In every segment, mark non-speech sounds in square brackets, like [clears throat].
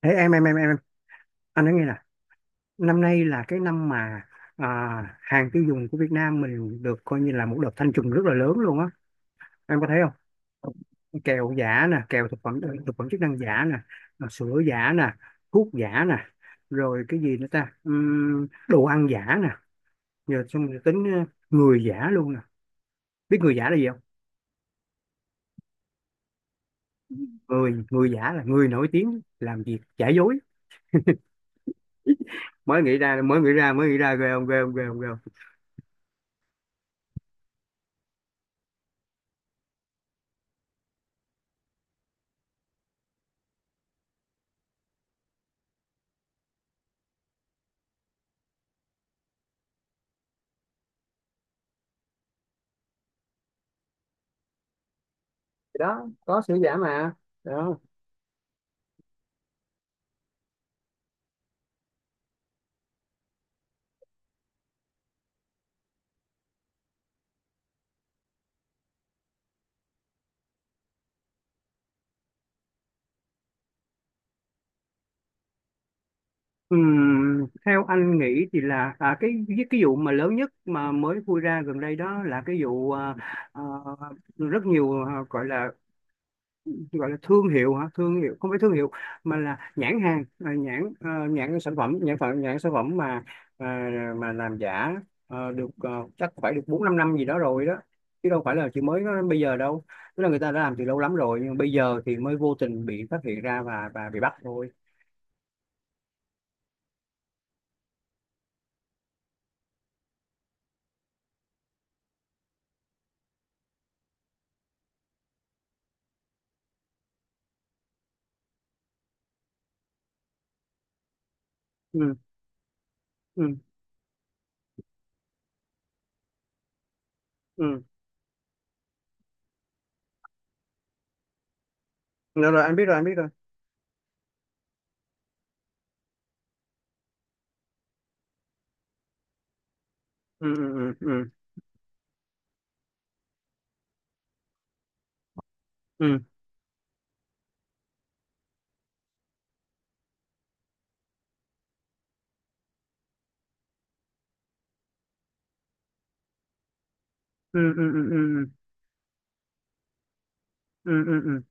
Ê, em, anh nói nghe nè. Năm nay là cái năm mà hàng tiêu dùng của Việt Nam mình được coi như là một đợt thanh trùng rất là lớn luôn á. Em có thấy không? Kẹo giả nè, kẹo thực phẩm chức năng giả nè, rồi sữa giả nè, thuốc giả nè, rồi cái gì nữa ta? Đồ ăn giả nè. Giờ xong rồi tính người giả luôn nè. Biết người giả là gì không? Người người giả là người nổi tiếng làm việc giả dối. Mới nghĩ ra, mới nghĩ ra, mới nghĩ ra, ghê không, ghê không, ghê không, ghê không? Thì đó, có sữa giả mà, đó. Theo anh nghĩ thì là cái vụ mà lớn nhất mà mới vui ra gần đây, đó là cái vụ à, rất nhiều, gọi là, thương hiệu hả? Thương hiệu, không phải thương hiệu mà là nhãn hàng, nhãn, nhãn sản phẩm, nhãn phẩm, nhãn sản phẩm mà à, mà làm giả, được, chắc phải được 4-5 năm gì đó rồi đó, chứ đâu phải là chỉ mới nó bây giờ đâu. Tức là người ta đã làm từ lâu lắm rồi, nhưng bây giờ thì mới vô tình bị phát hiện ra và bị bắt thôi. Ừ, ừ, ừ, rồi, rồi, anh biết rồi, anh biết rồi. Ừ, ừ, ừ, ừ, ừ, ừ, ừ, ừ, ừ, ừ, ừ, ừ,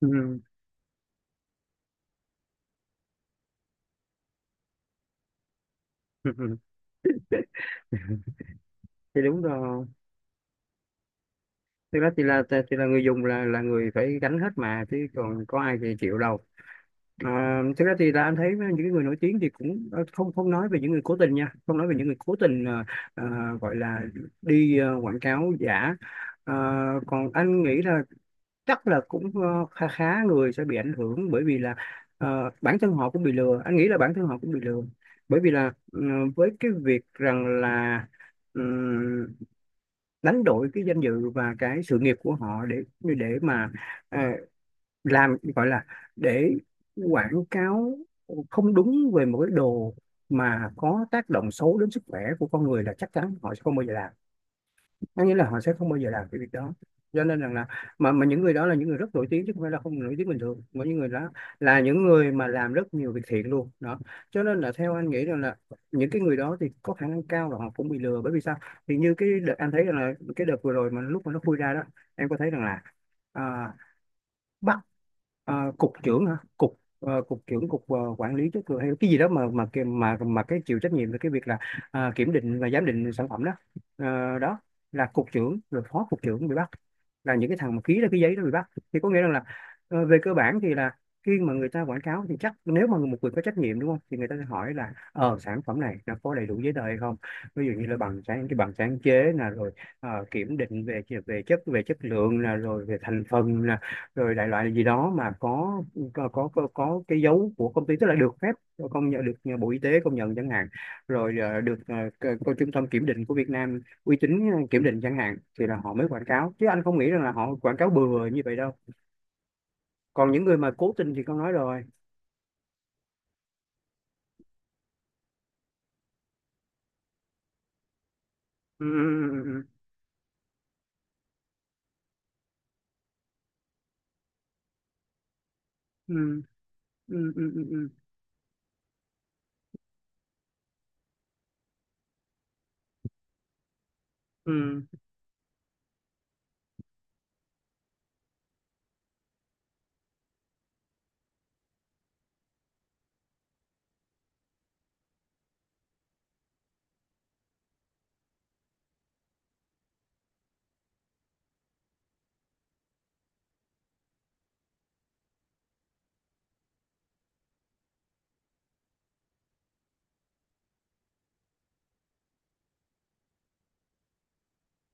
ừ, ừ, ừ. Ừ. Thì đúng rồi. Thực ra thì là người dùng là người phải gánh hết mà, chứ còn có ai thì chịu đâu. Thực ra thì là anh thấy những cái người nổi tiếng thì cũng không không nói về những người cố tình nha, không nói về những người cố tình ờ, gọi là đi quảng cáo giả. Ờ, còn anh nghĩ là chắc là cũng khá khá người sẽ bị ảnh hưởng, bởi vì là bản thân họ cũng bị lừa, anh nghĩ là bản thân họ cũng bị lừa, bởi vì là với cái việc rằng là ừm, đánh đổi cái danh dự và cái sự nghiệp của họ để ờ, làm, gọi là, để quảng cáo không đúng về một cái đồ mà có tác động xấu đến sức khỏe của con người, là chắc chắn họ sẽ không bao giờ làm. Có nghĩa là họ sẽ không bao giờ làm cái việc đó. Cho nên rằng là mà những người đó là những người rất nổi tiếng, chứ không phải là không nổi tiếng bình thường. Mà những người đó là những người mà làm rất nhiều việc thiện luôn đó. Cho nên là theo anh nghĩ rằng là những cái người đó thì có khả năng cao là họ cũng bị lừa. Bởi vì sao? Thì như cái đợt anh thấy rằng là cái đợt vừa rồi mà lúc mà nó khui ra đó, em có thấy rằng là à, Ờ, cục trưởng hả, cục cục trưởng, cục quản lý chất lượng hay cái gì đó, mà mà cái chịu trách nhiệm về cái việc là kiểm định và giám định sản phẩm đó. Ờ, đó là cục trưởng, rồi phó cục trưởng bị bắt, là những cái thằng mà ký ra cái giấy đó bị bắt, thì có nghĩa rằng là về cơ bản thì là khi mà người ta quảng cáo thì chắc, nếu mà một người có trách nhiệm, đúng không, thì người ta sẽ hỏi là sản phẩm này nó có đầy đủ giấy tờ hay không. Ví dụ như là bằng sáng cái bằng sáng chế nè, rồi kiểm định về về chất lượng nè, rồi về thành phần nè, rồi đại loại gì đó mà có cái dấu của công ty, tức là được phép công nhận, được Bộ Y tế công nhận chẳng hạn, rồi cơ trung tâm kiểm định của Việt Nam uy tín kiểm định chẳng hạn, thì là họ mới quảng cáo, chứ anh không nghĩ rằng là họ quảng cáo bừa như vậy đâu. Còn những người mà cố tình thì con nói rồi. Ừ, ừ, ừ, ừ, ừ, ừ, ừ, ừ, ừ.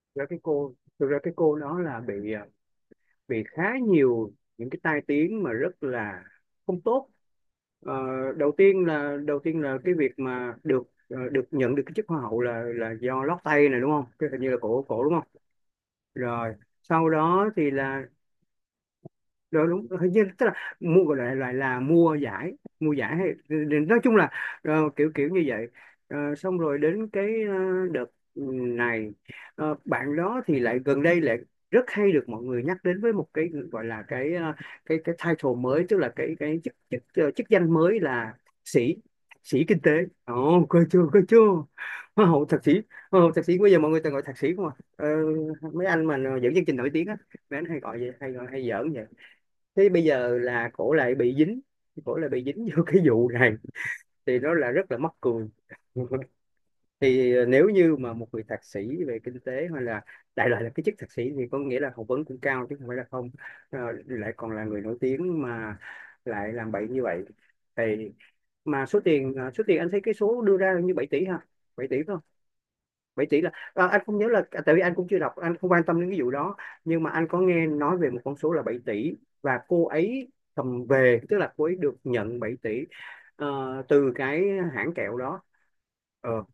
Thực ra cái cô Thực ra cái cô đó là bị bị khá nhiều những cái tai tiếng mà rất là không tốt. Ờ, đầu tiên là cái việc mà được nhận được cái chức hoa hậu là do lót tay này, đúng không? Cái hình như là cổ cổ đúng không? Rồi sau đó thì là, đó, đúng, hình như tức là mua, gọi là, loại là mua giải, mua giải hay nói chung là kiểu kiểu như vậy. Ờ, xong rồi đến cái đợt này, bạn đó thì lại gần đây lại rất hay được mọi người nhắc đến với một cái, gọi là, cái title mới, tức là cái chức chức ờ, chức danh mới là thạc sĩ, thạc sĩ kinh tế. Ồ, coi chưa, coi chưa, hoa hậu thạc sĩ, hoa hậu thạc sĩ, bây giờ mọi người toàn gọi thạc sĩ không à. Ờ, mấy anh mà dẫn chương trình nổi tiếng á, mấy anh hay gọi vậy, hay gọi, hay giỡn vậy. Thế bây giờ là cổ lại bị dính, cổ lại bị dính [laughs] vô cái vụ này thì nó là rất là mắc cười. [laughs] Thì nếu như mà một người thạc sĩ về kinh tế hay là đại loại là cái chức thạc sĩ thì có nghĩa là học vấn cũng cao, chứ không phải là không. Ờ, lại còn là người nổi tiếng mà lại làm bậy như vậy thì, mà số tiền anh thấy cái số đưa ra như 7 tỷ ha, 7 tỷ phải không, vậy tỷ là, anh không nhớ là, tại vì anh cũng chưa đọc, anh không quan tâm đến cái vụ đó. Nhưng mà anh có nghe nói về một con số là 7 tỷ, và cô ấy cầm về, tức là cô ấy được nhận 7 tỷ từ cái hãng kẹo đó. ờ,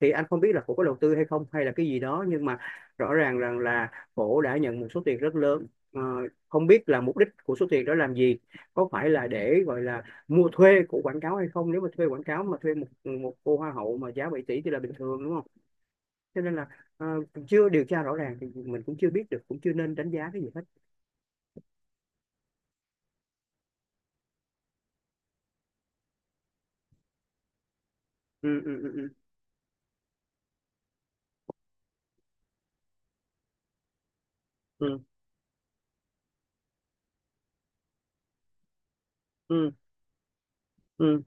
thì anh không biết là cổ có đầu tư hay không hay là cái gì đó, nhưng mà rõ ràng rằng là cổ đã nhận một số tiền rất lớn. Ờ, không biết là mục đích của số tiền đó làm gì, có phải là để gọi là mua thuê của quảng cáo hay không. Nếu mà thuê quảng cáo, mà thuê một một cô hoa hậu mà giá 7 tỷ thì là bình thường, đúng không? Cho nên là ờ, chưa điều tra rõ ràng thì mình cũng chưa biết được, cũng chưa nên đánh giá cái gì hết. ừ, ừ, ừ, ừ, ừ,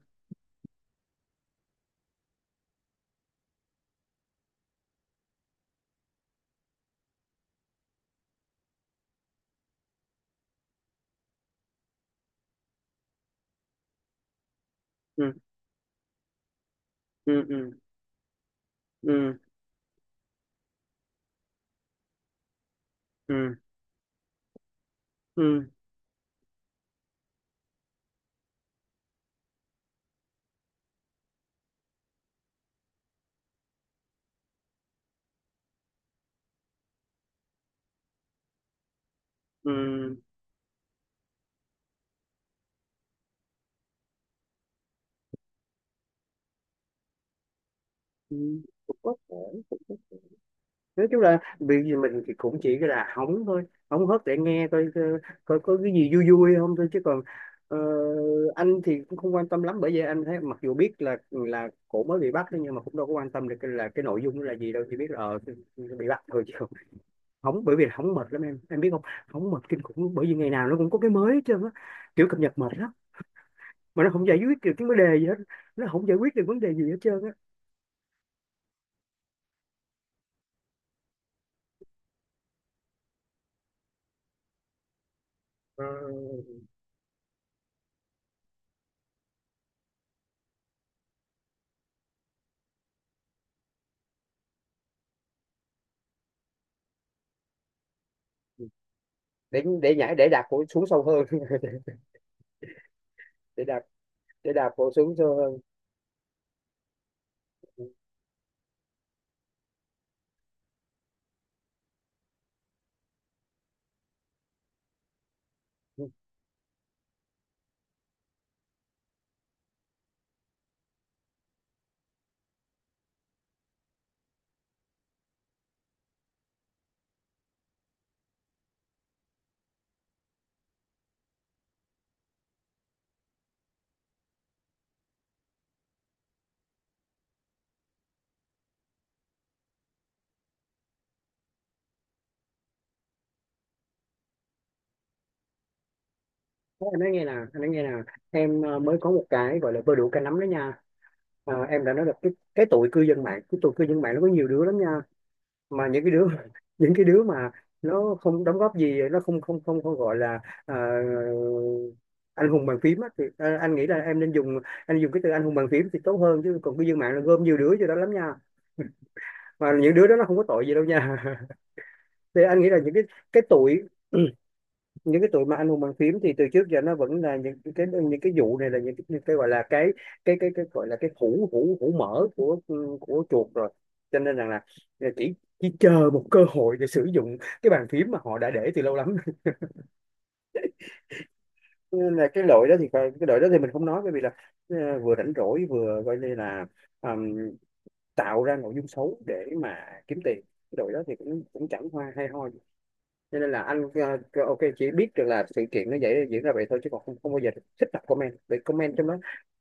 ừ, ừ, ừ, ừ, ừ, ừ, ừ, ừ. Ừ. Cũng có thể, cũng có thể. Nói chung là việc gì mình thì cũng chỉ là hóng thôi, hóng hớt để nghe, coi, coi, coi có cái gì vui vui không thôi, chứ còn ờ, anh thì cũng không quan tâm lắm, bởi vì anh thấy mặc dù biết là cổ mới bị bắt thôi, nhưng mà cũng đâu có quan tâm được là cái nội dung nó là gì đâu, chỉ biết là bị bắt thôi. Chứ hóng, bởi vì là hóng mệt lắm, em biết không? Hóng mệt kinh khủng, bởi vì ngày nào nó cũng có cái mới hết trơn á, kiểu cập nhật mệt lắm, mà nó không giải quyết được cái vấn đề gì hết. Nó không giải quyết được vấn đề gì hết trơn á. Ờ, để nhảy, để đạp cổ xuống sâu hơn. [laughs] Để đạp, để đạp cổ xuống sâu hơn. Thế anh nói nghe nè, anh nói nghe nè. Em mới có một cái gọi là bơ đũa cá nắm đó nha. Ờ, em đã nói là cái tụi cư dân mạng, cái tụi cư dân mạng nó có nhiều đứa lắm nha. Mà những cái đứa [laughs] những cái đứa mà nó không đóng góp gì, nó không không không không gọi là, ờ, anh hùng bàn phím á, thì anh nghĩ là em nên dùng, anh dùng cái từ anh hùng bàn phím thì tốt hơn, chứ còn cư dân mạng là gom nhiều đứa vô đó lắm nha. Mà những đứa đó nó không có tội gì đâu nha. [laughs] Thì anh nghĩ là những cái tuổi, [clears throat] những cái tụi mà anh hùng bàn phím thì từ trước giờ nó vẫn là những cái, vụ này là những cái, gọi là cái hũ hũ hũ mỡ của chuột rồi. Cho nên rằng là à, chỉ chỉ chờ một cơ hội để sử dụng cái bàn phím mà họ đã để từ lâu lắm. Cho nên là cái đội đó thì mình không nói, bởi vì là vừa rảnh rỗi, vừa coi như là ừm, tạo ra nội dung xấu để mà kiếm tiền, cái đội đó thì cũng cũng chẳng hoa hay ho. Cho nên là anh ok, chỉ biết được là sự kiện nó vậy, diễn ra vậy thôi, chứ còn không, không bao giờ thích đọc comment, vì comment trong đó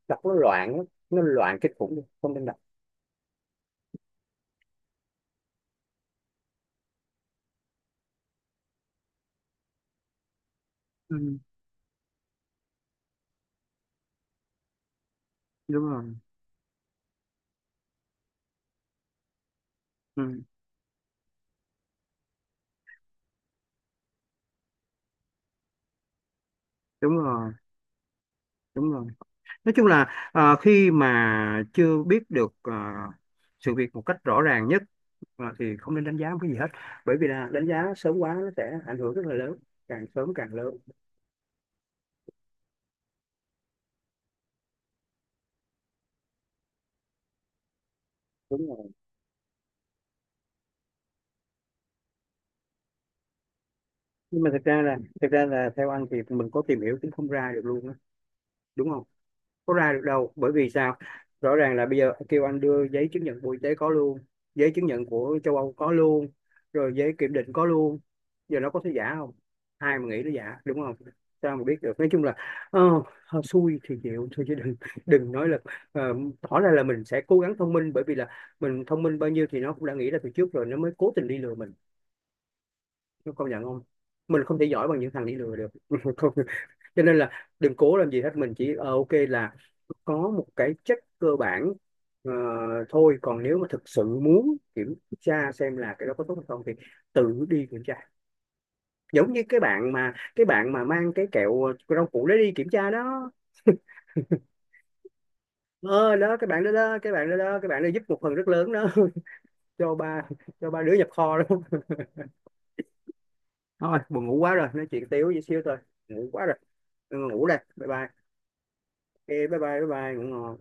đọc nó loạn lắm, nó loạn kinh khủng luôn, không nên đọc. Ừ, đúng rồi, ừ, đúng rồi, đúng rồi. Nói chung là khi mà chưa biết được sự việc một cách rõ ràng nhất, thì không nên đánh giá một cái gì hết, bởi vì là đánh giá sớm quá nó sẽ ảnh hưởng rất là lớn, càng sớm càng lớn. Đúng rồi. Nhưng mà thực ra là theo anh thì mình có tìm hiểu cũng không ra được luôn á, đúng không? Có ra được đâu, bởi vì sao? Rõ ràng là bây giờ kêu anh đưa giấy chứng nhận Bộ Y tế có luôn, giấy chứng nhận của châu Âu có luôn, rồi giấy kiểm định có luôn. Giờ nó có thể giả không? Ai mà nghĩ nó giả, đúng không? Sao mà biết được. Nói chung là ờ, hên xui thì chịu thôi, chứ đừng đừng nói là ờ, tỏ ra là mình sẽ cố gắng thông minh, bởi vì là mình thông minh bao nhiêu thì nó cũng đã nghĩ ra từ trước rồi nó mới cố tình đi lừa mình. Nó công nhận không? Mình không thể giỏi bằng những thằng đi lừa được. [laughs] Không, cho nên là đừng cố làm gì hết, mình chỉ ok là có một cái check cơ bản ờ, thôi. Còn nếu mà thực sự muốn kiểm tra xem là cái đó có tốt hay không thì tự đi kiểm tra, giống như cái bạn mà, mang cái kẹo rau củ để đi kiểm tra đó. Ờ đó, cái bạn đó đó, cái bạn đó đó, cái bạn đó giúp một phần rất lớn đó, [laughs] cho ba, đứa nhập kho đó. [laughs] Thôi buồn ngủ quá rồi, nói chuyện tiếu chút xíu thôi. Ngủ quá rồi. Ừ, ngủ đây, bye bye. Ok, bye bye, bye bye, ngủ ngon.